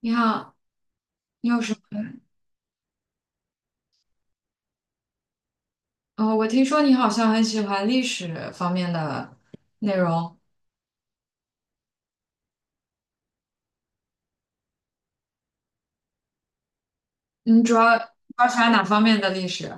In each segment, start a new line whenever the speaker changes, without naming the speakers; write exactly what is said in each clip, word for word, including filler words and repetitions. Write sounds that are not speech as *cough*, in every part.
你好，你有什么？哦，我听说你好像很喜欢历史方面的内容，你主要主要喜欢哪方面的历史？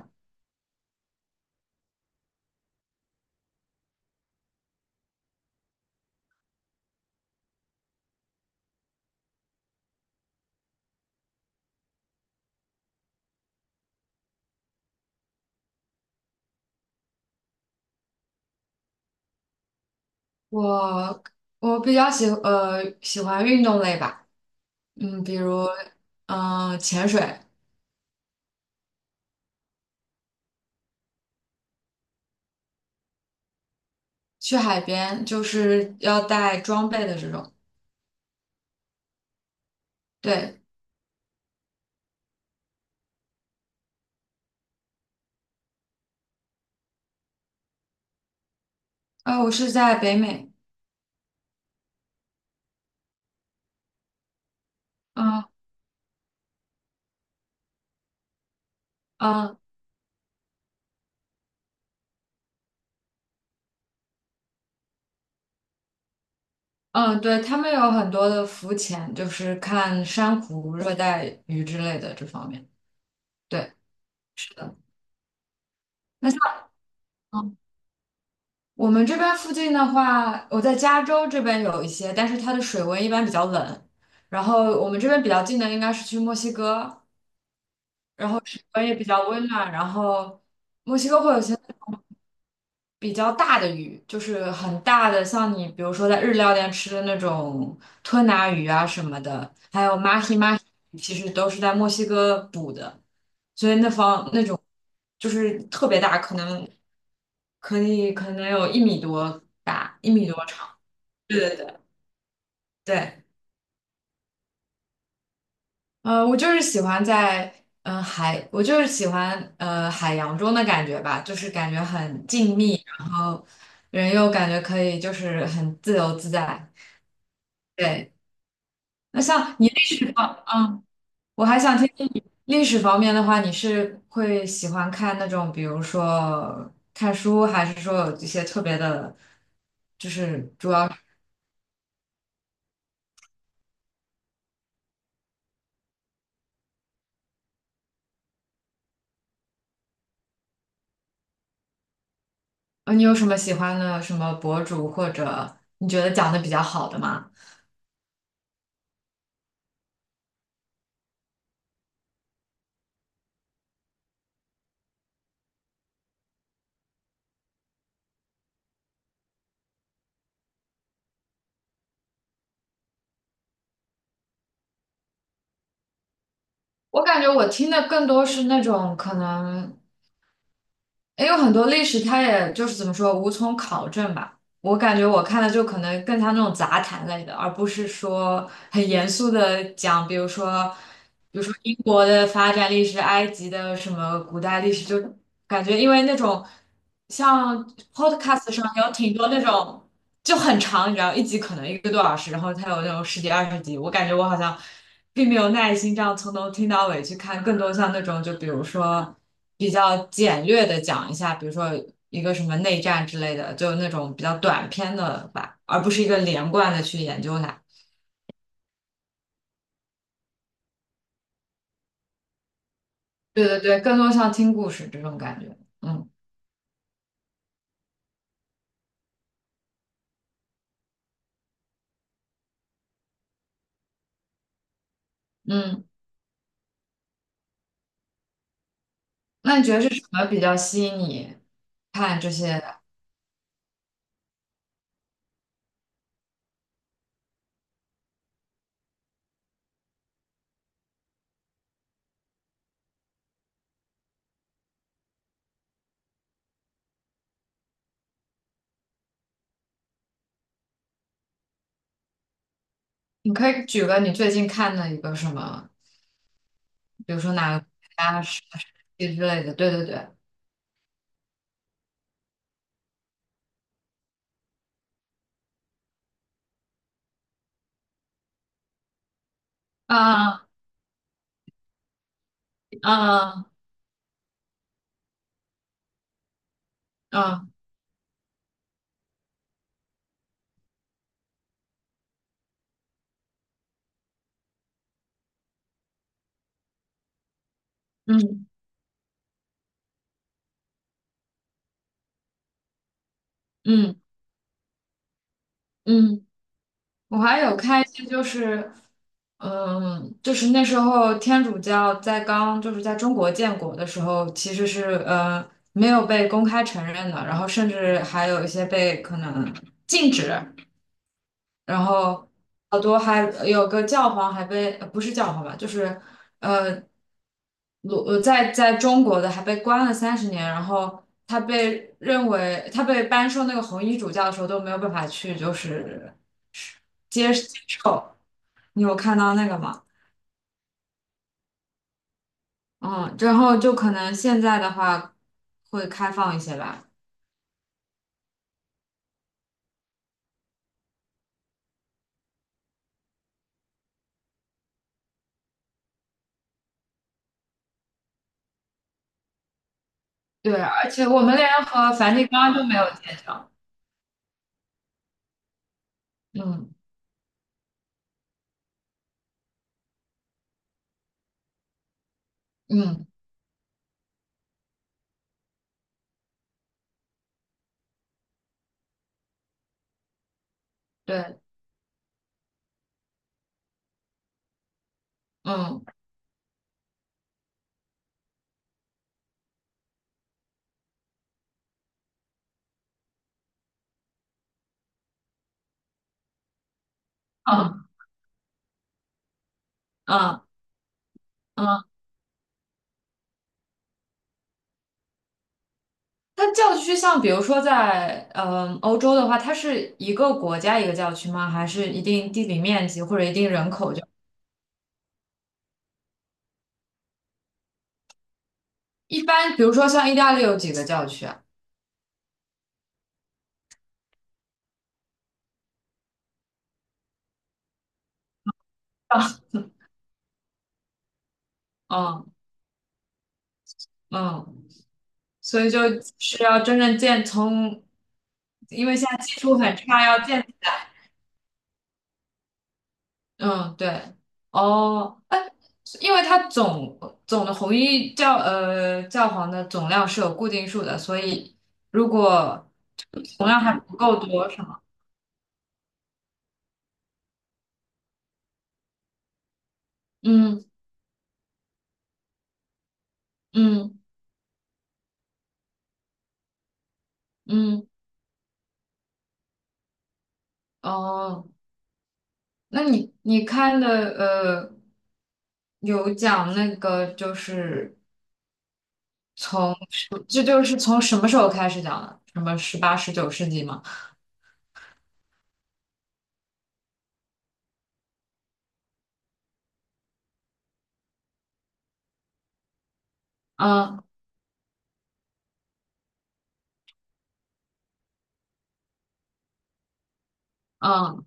我我比较喜呃喜欢运动类吧，嗯，比如嗯、呃潜水，去海边就是要带装备的这种。对，呃，我是在北美，嗯嗯嗯，对，他们有很多的浮潜，就是看珊瑚、热带鱼之类的这方面。对，是的。那像。我们这边附近的话，我在加州这边有一些，但是它的水温一般比较冷。然后我们这边比较近的应该是去墨西哥，温也比较温暖。然后墨西哥会有一些比较大的鱼，就是很大的，像你比如说在日料店吃的那种吞拿鱼啊什么的，还有马 a h i 其实都是在墨西哥捕的，所以那方那种就是特别大，可能可以可能有一米多大，一米多长。对对对。对，呃，我就是喜欢在嗯、呃海，我就是喜欢呃海洋中的感觉吧，就是感觉很静谧，然后人又感觉可以就是很自由自在。对，那像你那个，嗯，我还想听听你历史方面的话，你是会喜欢看那种，比如说看书，还是说有一些特别的，呃，你有什么喜欢的什么博主或者你觉得讲的比较好的吗？我感觉我听的更多是那种可能也有很多历史，它也就是怎么说，无从考证吧。我感觉我看的就可能更像那种杂谈类的，而不是说很严肃的讲，比如说。比如说英国的发展历史、埃及的什么古代历史，就感觉因为那种像 podcast 上有挺多那种就很长，你知道，一集可能一个多小时，然后它有那种十几二十集，我感觉我好像并没有耐心这样从头听到尾去看，更多像那种就比如说比较简略的讲一下，比如说一个什么内战之类的，就那种比较短篇的吧，而不是一个连贯的去研究它。对对对，更多像听故事这种感觉，嗯。嗯。那你觉得是什么比较吸引你看这些？你可以举个你最近看的一个什么，比如说哪个国家是之类的。对对对，啊啊啊，嗯嗯嗯，我还有看一些，就是嗯，就是那时候天主教在刚就是在中国建国的时候，其实是呃没有被公开承认的，然后甚至还有一些被可能禁止。然后好多还有个教皇还被呃不是教皇吧，就是呃，鲁呃在在中国的还被关了三十年，然后他被认为他被颁授那个红衣主教的时候都没有办法去就是接接受，你有看到那个吗？嗯，然后就可能现在的话会开放一些吧。对，而且我们连和梵蒂冈都没有建交。嗯嗯，对，嗯嗯嗯嗯。它教区像比如说在嗯欧洲的话，它是一个国家一个教区吗？还是一定地理面积或者一定人口就？一般比如说像意大利有几个教区啊？嗯嗯，所以就是要真正建从，因为现在技术很差，要建嗯对哦哎，因为它总总的红衣教呃教皇的总量是有固定数的，所以如果总量还不够多是吗？嗯嗯。嗯，哦，那你你看的呃，有讲那个就是从这就是从什么时候开始讲的？什么十八、十九世纪吗？嗯嗯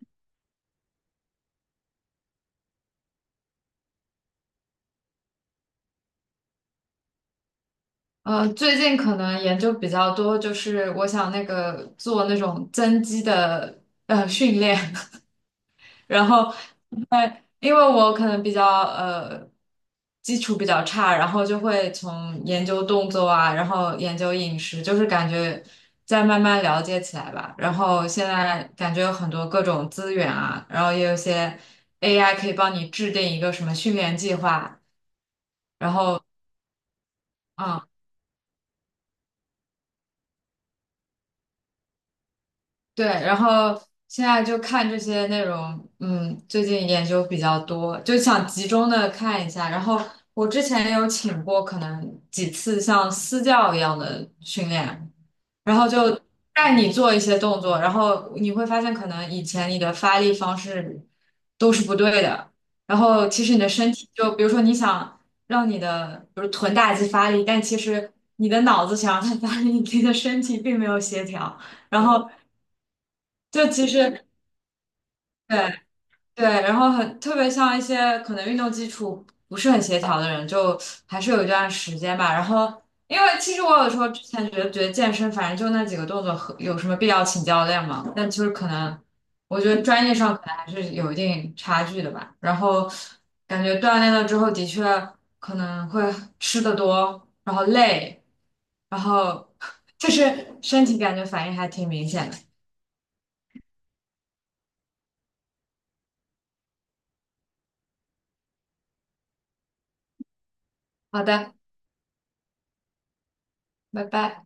呃，最近可能研究比较多，就是我想那个做那种增肌的呃训练，然后，因为因为我可能比较呃基础比较差，然后就会从研究动作啊，然后研究饮食，就是感觉再慢慢了解起来吧。然后现在感觉有很多各种资源啊，然后也有一些 A I 可以帮你制定一个什么训练计划，然后嗯。啊对，然后现在就看这些内容，嗯，最近研究比较多，就想集中的看一下。然后我之前也有请过可能几次像私教一样的训练，然后就带你做一些动作，然后你会发现可能以前你的发力方式都是不对的，然后其实你的身体就比如说你想让你的比如臀大肌发力，但其实你的脑子想让它发力，你的身体并没有协调，然后。就其实对对，然后很特别像一些可能运动基础不是很协调的人，就还是有一段时间吧。然后，因为其实我有时候之前觉得觉得健身反正就那几个动作和，有什么必要请教练嘛？但就是可能我觉得专业上可能还是有一定差距的吧。然后感觉锻炼了之后，的确可能会吃的多，然后累，然后 *laughs* 就是身体感觉反应还挺明显的。好的，拜拜。